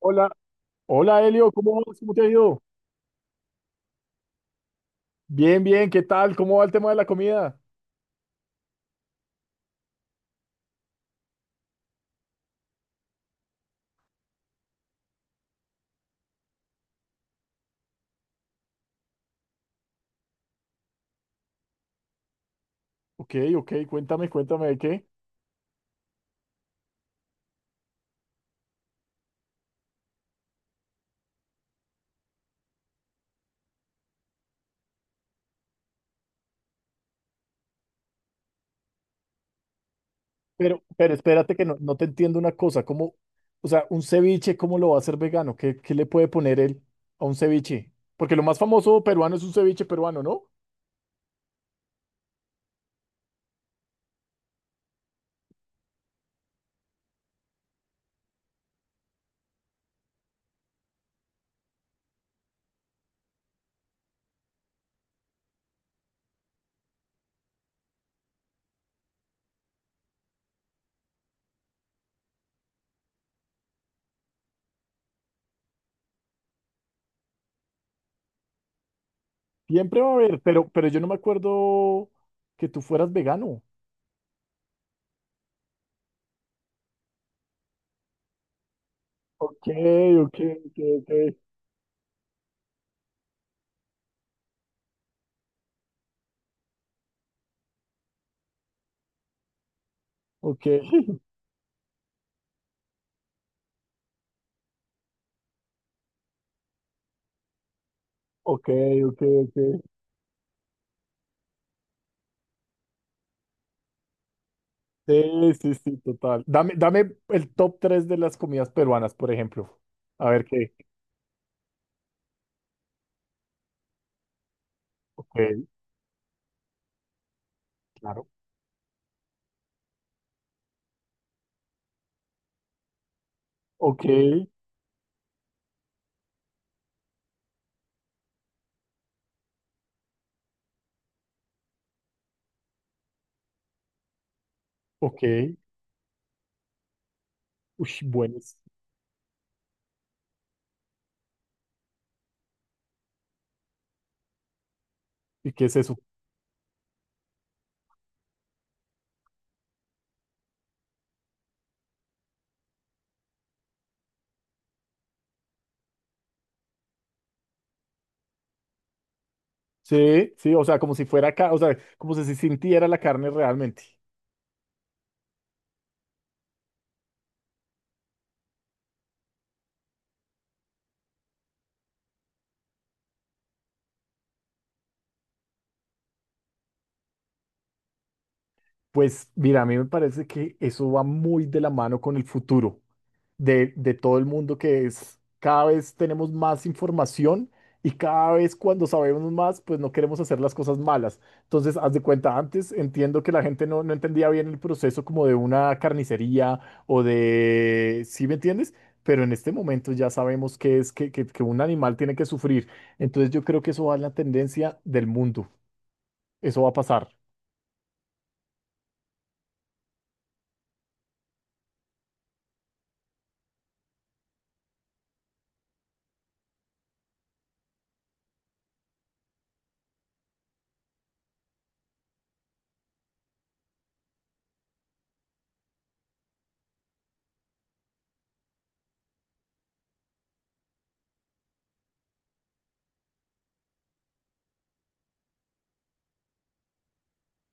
Hola, hola Elio, ¿cómo vas? ¿Cómo te ha ido? Bien, bien, ¿qué tal? ¿Cómo va el tema de la comida? Ok, ok, cuéntame, cuéntame de qué. Pero espérate que no, no te entiendo una cosa, ¿cómo, o sea, un ceviche? ¿Cómo lo va a hacer vegano? ¿Qué, qué le puede poner él a un ceviche? Porque lo más famoso peruano es un ceviche peruano, ¿no? Siempre va a haber, pero yo no me acuerdo que tú fueras vegano. Ok, ok, ok, ok, ok, ok, ok, ok. Sí, sí, sí, total. Dame, dame el top 3 de las comidas peruanas, por ejemplo. A ver qué. Ok, claro. Ok, ok. Uy, buenas. ¿Y qué es eso? Sí, sí, o sea, como si fuera acá, o sea, como si se sintiera la carne realmente. Pues mira, a mí me parece que eso va muy de la mano con el futuro de todo el mundo, que es, cada vez tenemos más información y cada vez cuando sabemos más, pues no queremos hacer las cosas malas. Entonces, haz de cuenta, antes entiendo que la gente no, no entendía bien el proceso como de una carnicería o de, ¿sí me entiendes? Pero en este momento ya sabemos que es que, que un animal tiene que sufrir. Entonces yo creo que eso va en la tendencia del mundo. Eso va a pasar.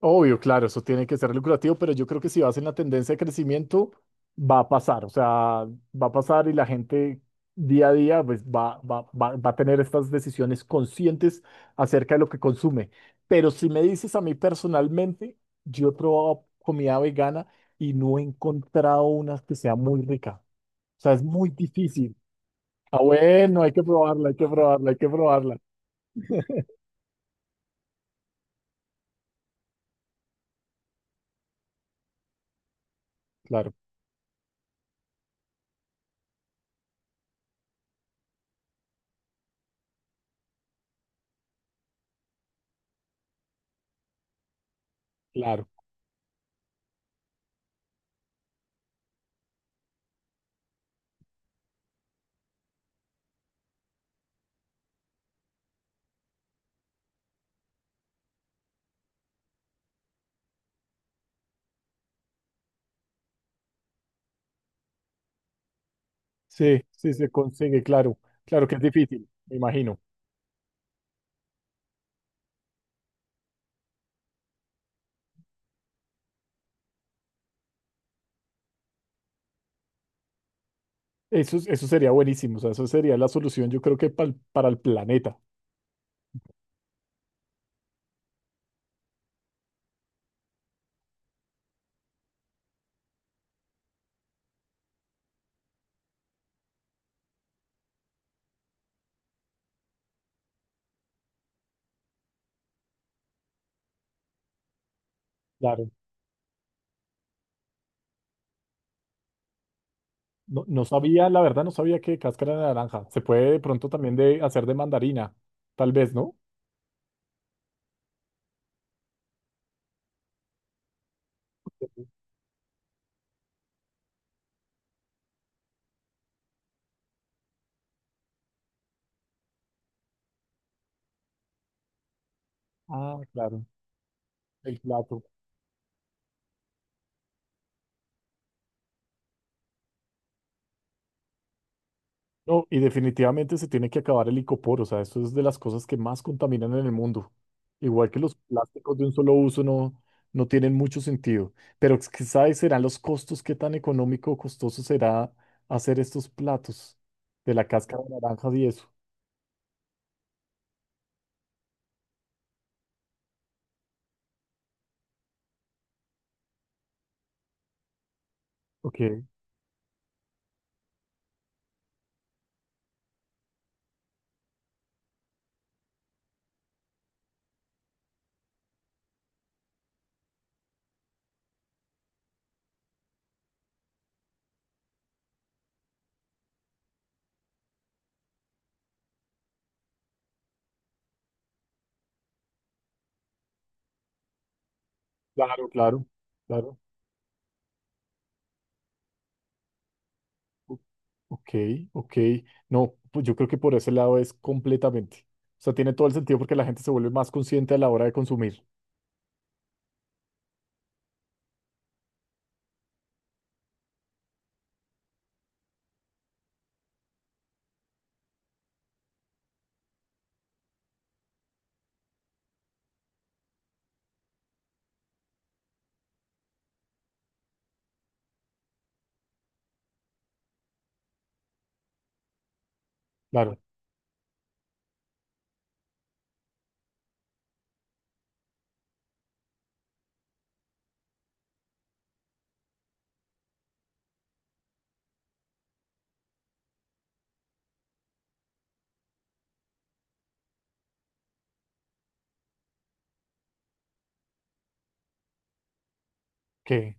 Obvio, claro, eso tiene que ser lucrativo, pero yo creo que si vas en la tendencia de crecimiento, va a pasar, o sea, va a pasar y la gente día a día pues, va, va, va, va a tener estas decisiones conscientes acerca de lo que consume. Pero si me dices a mí personalmente, yo he probado comida vegana y no he encontrado una que sea muy rica. O sea, es muy difícil. Ah, bueno, hay que probarla, hay que probarla, hay que probarla. Claro, claro. Sí, sí se consigue, claro. Claro que es difícil, me imagino. Eso, eso sería buenísimo, o sea, eso sería la solución, yo creo que para el planeta. Claro. No, no sabía, la verdad, no sabía que cáscara de naranja. Se puede de pronto también de hacer de mandarina, tal vez, ¿no? Ah, claro, el plato. No, y definitivamente se tiene que acabar el icopor, o sea, eso es de las cosas que más contaminan en el mundo. Igual que los plásticos de un solo uso no, no tienen mucho sentido, pero es que, ¿sabes? Serán los costos, qué tan económico o costoso será hacer estos platos de la cáscara de naranjas y eso. Ok, claro, claro, claro. Ok, ok. No, pues yo creo que por ese lado es completamente. O sea, tiene todo el sentido porque la gente se vuelve más consciente a la hora de consumir. Claro, ok.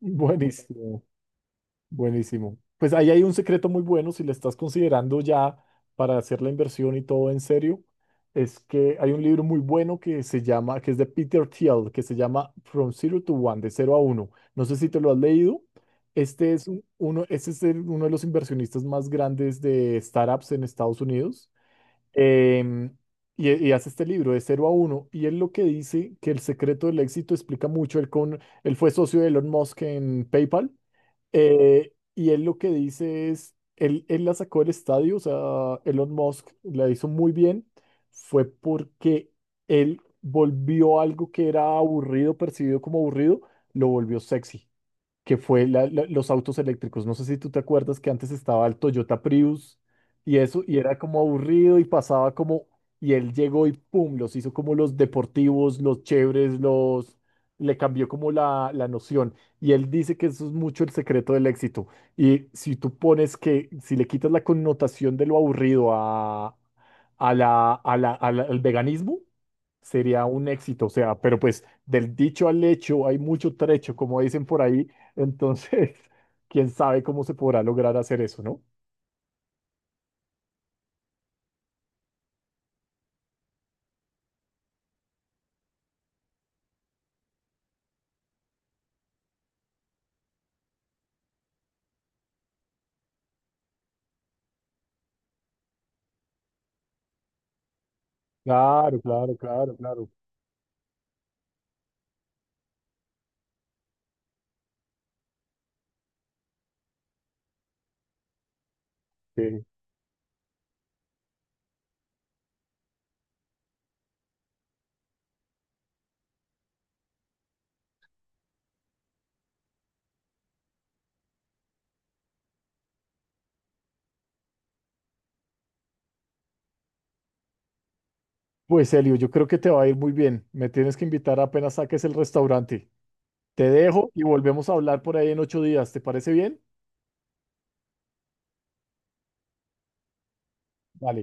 Buenísimo. Buenísimo. Pues ahí hay un secreto muy bueno si le estás considerando ya para hacer la inversión y todo en serio. Es que hay un libro muy bueno que se llama, que es de Peter Thiel, que se llama From Zero to One, de cero a uno. No sé si te lo has leído. Este es este es uno de los inversionistas más grandes de startups en Estados Unidos. Em, y, y hace este libro de cero a uno. Y él lo que dice que el secreto del éxito explica mucho. Él, con, él fue socio de Elon Musk en PayPal. Y él lo que dice es, él la sacó del estadio, o sea, Elon Musk la hizo muy bien, fue porque él volvió algo que era aburrido, percibido como aburrido, lo volvió sexy, que fue los autos eléctricos. No sé si tú te acuerdas que antes estaba el Toyota Prius y eso, y era como aburrido y pasaba como, y él llegó y pum, los hizo como los deportivos, los chéveres, los, le cambió como la noción. Y él dice que eso es mucho el secreto del éxito. Y si tú pones que, si le quitas la connotación de lo aburrido a la, al veganismo, sería un éxito. O sea, pero pues del dicho al hecho hay mucho trecho, como dicen por ahí, entonces, quién sabe cómo se podrá lograr hacer eso, ¿no? Claro, claro, claro, claro. Sí. Pues Elio, yo creo que te va a ir muy bien. Me tienes que invitar apenas saques el restaurante. Te dejo y volvemos a hablar por ahí en 8 días. ¿Te parece bien? Vale.